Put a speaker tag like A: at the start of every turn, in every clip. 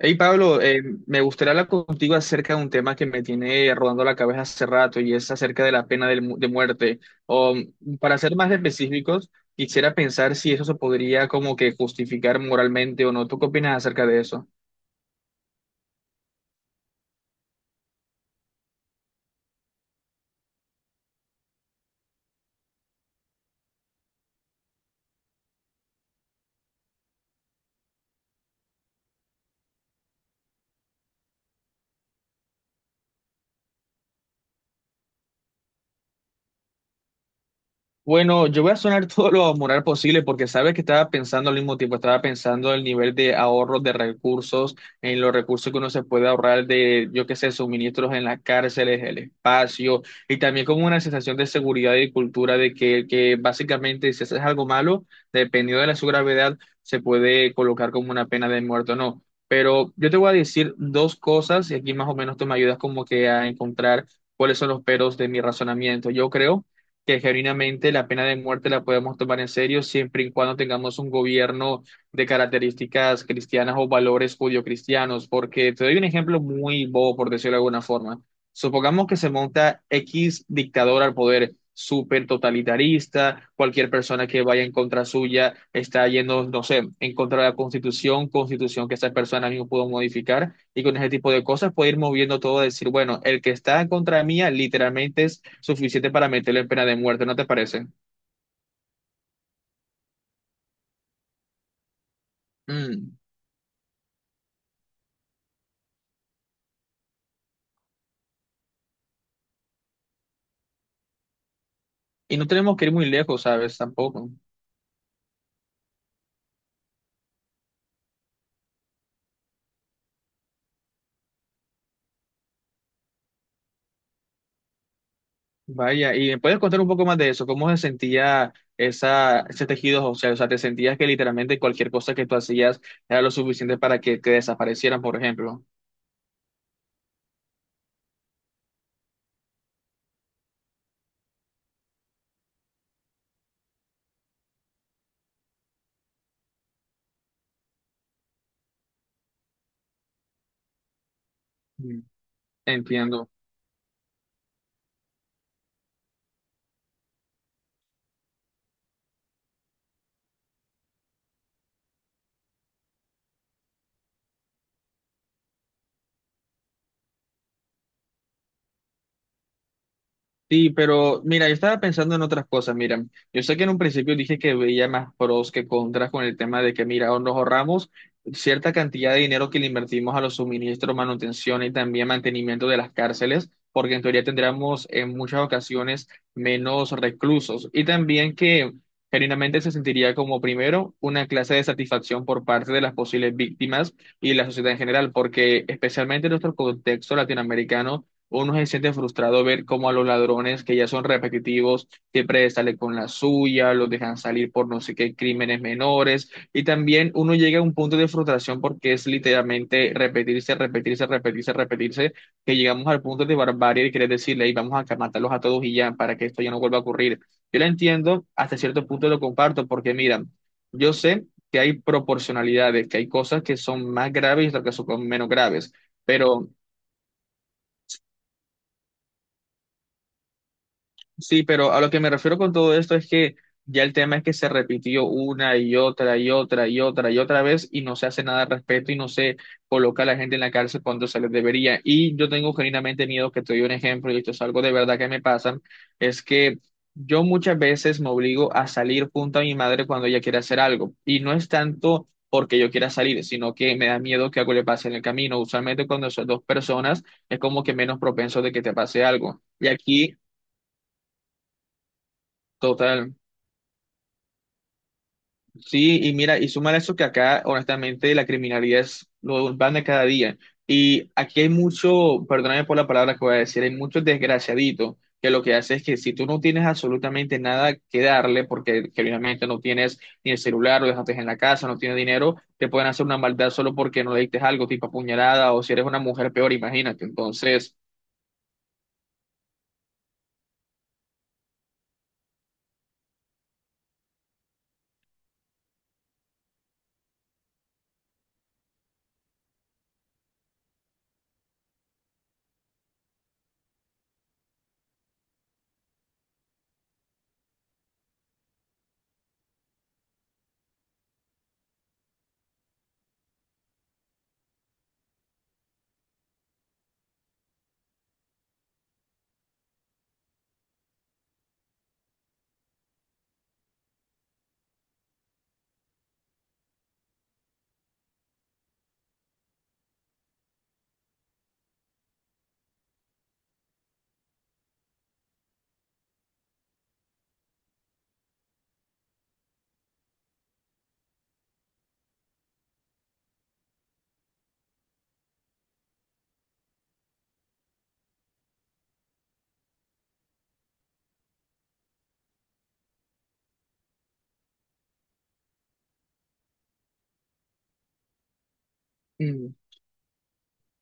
A: Hey Pablo, me gustaría hablar contigo acerca de un tema que me tiene rodando la cabeza hace rato y es acerca de la pena de muerte. Para ser más específicos, quisiera pensar si eso se podría como que justificar moralmente o no. ¿Tú qué opinas acerca de eso? Bueno, yo voy a sonar todo lo moral posible porque sabes que estaba pensando al mismo tiempo, estaba pensando el nivel de ahorro de recursos, en los recursos que uno se puede ahorrar de, yo qué sé, suministros en las cárceles, el espacio, y también como una sensación de seguridad y cultura de que básicamente si haces algo malo, dependiendo de la su gravedad, se puede colocar como una pena de muerte o no. Pero yo te voy a decir dos cosas y aquí más o menos tú me ayudas como que a encontrar cuáles son los peros de mi razonamiento. Yo creo que genuinamente la pena de muerte la podemos tomar en serio siempre y cuando tengamos un gobierno de características cristianas o valores judio-cristianos, porque te doy un ejemplo muy bobo, por decirlo de alguna forma. Supongamos que se monta X dictador al poder, súper totalitarista, cualquier persona que vaya en contra suya está yendo, no sé, en contra de la constitución, constitución que esa persona mismo pudo modificar, y con ese tipo de cosas puede ir moviendo todo, a decir, bueno, el que está en contra mía literalmente es suficiente para meterle en pena de muerte, ¿no te parece? Mm. Y no tenemos que ir muy lejos, ¿sabes? Tampoco. Vaya, y me puedes contar un poco más de eso, cómo se sentía esa, ese tejido óseo, o sea, te sentías que literalmente cualquier cosa que tú hacías era lo suficiente para que te desaparecieran, por ejemplo. Mm. Entiendo. Sí, pero mira, yo estaba pensando en otras cosas. Mira, yo sé que en un principio dije que veía más pros que contras con el tema de que, mira, nos ahorramos cierta cantidad de dinero que le invertimos a los suministros, manutención y también mantenimiento de las cárceles, porque en teoría tendríamos en muchas ocasiones menos reclusos. Y también que genuinamente se sentiría como, primero, una clase de satisfacción por parte de las posibles víctimas y la sociedad en general, porque especialmente en nuestro contexto latinoamericano. Uno se siente frustrado ver cómo a los ladrones que ya son repetitivos siempre sale con la suya, los dejan salir por no sé qué crímenes menores. Y también uno llega a un punto de frustración porque es literalmente repetirse, repetirse, repetirse, repetirse, que llegamos al punto de barbarie y querer decirle, "Ey, vamos a matarlos a todos y ya, para que esto ya no vuelva a ocurrir. Yo lo entiendo, hasta cierto punto lo comparto, porque mira, yo sé que hay proporcionalidades, que hay cosas que son más graves y otras que son menos graves. Pero sí, pero a lo que me refiero con todo esto es que ya el tema es que se repitió una y otra y otra y otra y otra vez y no se hace nada al respecto y no se coloca a la gente en la cárcel cuando se les debería. Y yo tengo genuinamente miedo, que te doy un ejemplo, y esto es algo de verdad que me pasa, es que yo muchas veces me obligo a salir junto a mi madre cuando ella quiere hacer algo. Y no es tanto porque yo quiera salir, sino que me da miedo que algo le pase en el camino. Usualmente cuando son dos personas es como que menos propenso de que te pase algo. Y aquí... Total. Sí, y mira, y suma eso que acá, honestamente, la criminalidad es lo van de cada día. Y aquí hay mucho, perdóname por la palabra que voy a decir, hay muchos desgraciaditos que lo que hace es que si tú no tienes absolutamente nada que darle, porque generalmente no tienes ni el celular, lo dejaste en la casa, no tienes dinero, te pueden hacer una maldad solo porque no le diste algo, tipo apuñalada, o si eres una mujer peor, imagínate. Entonces.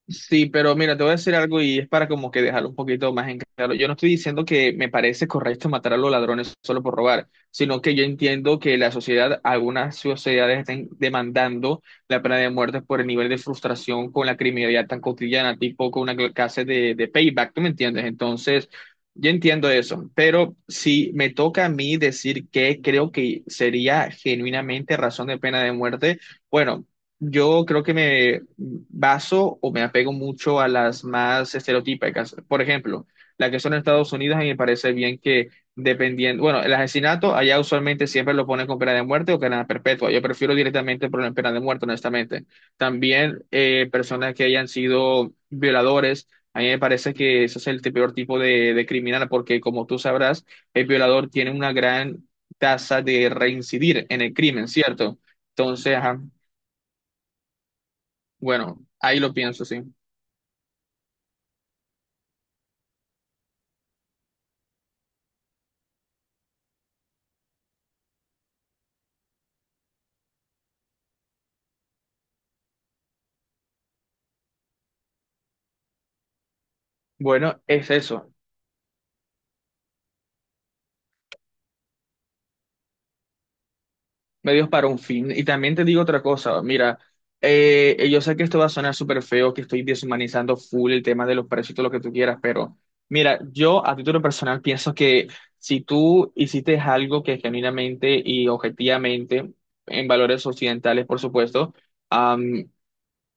A: Sí, pero mira, te voy a decir algo y es para como que dejarlo un poquito más en claro. Yo no estoy diciendo que me parece correcto matar a los ladrones solo por robar, sino que yo entiendo que la sociedad, algunas sociedades están demandando la pena de muerte por el nivel de frustración con la criminalidad tan cotidiana, tipo con una clase de payback, ¿tú me entiendes? Entonces, yo entiendo eso, pero si me toca a mí decir que creo que sería genuinamente razón de pena de muerte. Bueno, yo creo que me baso o me apego mucho a las más estereotípicas. Por ejemplo, la que son en Estados Unidos, a mí me parece bien que dependiendo, bueno, el asesinato allá usualmente siempre lo ponen con pena de muerte o cadena perpetua. Yo prefiero directamente poner pena de muerte, honestamente. También personas que hayan sido violadores, a mí me parece que ese es el peor tipo de criminal porque como tú sabrás, el violador tiene una gran tasa de reincidir en el crimen, ¿cierto? Entonces, ajá, bueno, ahí lo pienso, sí. Bueno, es eso, medios para un fin. Y también te digo otra cosa, mira, yo sé que esto va a sonar súper feo, que estoy deshumanizando full el tema de los precios y todo lo que tú quieras, pero mira, yo a título personal pienso que si tú hiciste algo que genuinamente y objetivamente, en valores occidentales, por supuesto,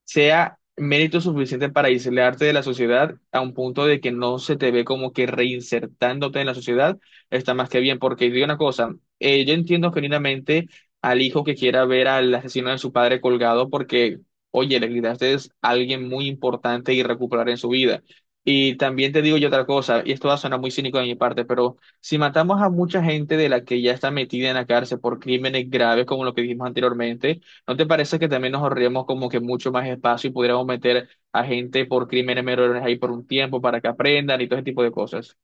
A: sea mérito suficiente para aislarte de la sociedad a un punto de que no se te ve como que reinsertándote en la sociedad, está más que bien, porque digo una cosa, yo entiendo genuinamente al hijo que quiera ver al asesino de su padre colgado porque, oye, le quitaste es alguien muy importante y recuperar en su vida. Y también te digo yo otra cosa, y esto va a sonar muy cínico de mi parte, pero si matamos a mucha gente de la que ya está metida en la cárcel por crímenes graves como lo que dijimos anteriormente, ¿no te parece que también nos ahorraríamos como que mucho más espacio y pudiéramos meter a gente por crímenes menores ahí por un tiempo para que aprendan y todo ese tipo de cosas?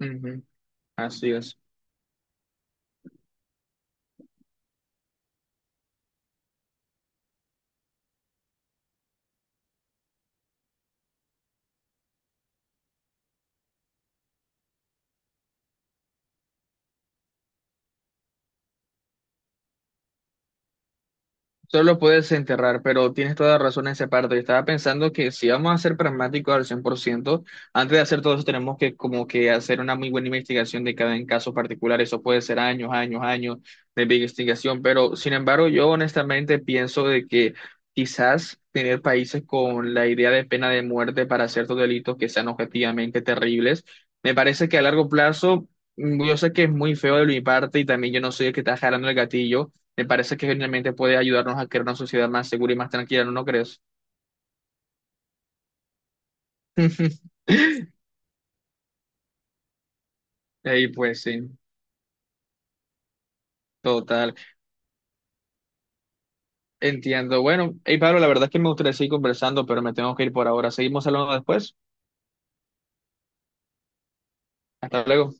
A: Ujú. Así es. Solo puedes enterrar, pero tienes toda la razón en esa parte. Estaba pensando que si vamos a ser pragmáticos al 100%, antes de hacer todo eso tenemos que como que hacer una muy buena investigación de cada en caso particular. Eso puede ser años, años, años de investigación, pero sin embargo yo honestamente pienso de que quizás tener países con la idea de pena de muerte para ciertos delitos que sean objetivamente terribles, me parece que a largo plazo, mm, yo sé que es muy feo de mi parte y también yo no soy el que está jalando el gatillo, me parece que genialmente puede ayudarnos a crear una sociedad más segura y más tranquila, ¿no, no crees? Y pues sí, total. Entiendo. Bueno, hey Pablo, la verdad es que me gustaría seguir conversando, pero me tengo que ir por ahora. Seguimos hablando después. Hasta luego.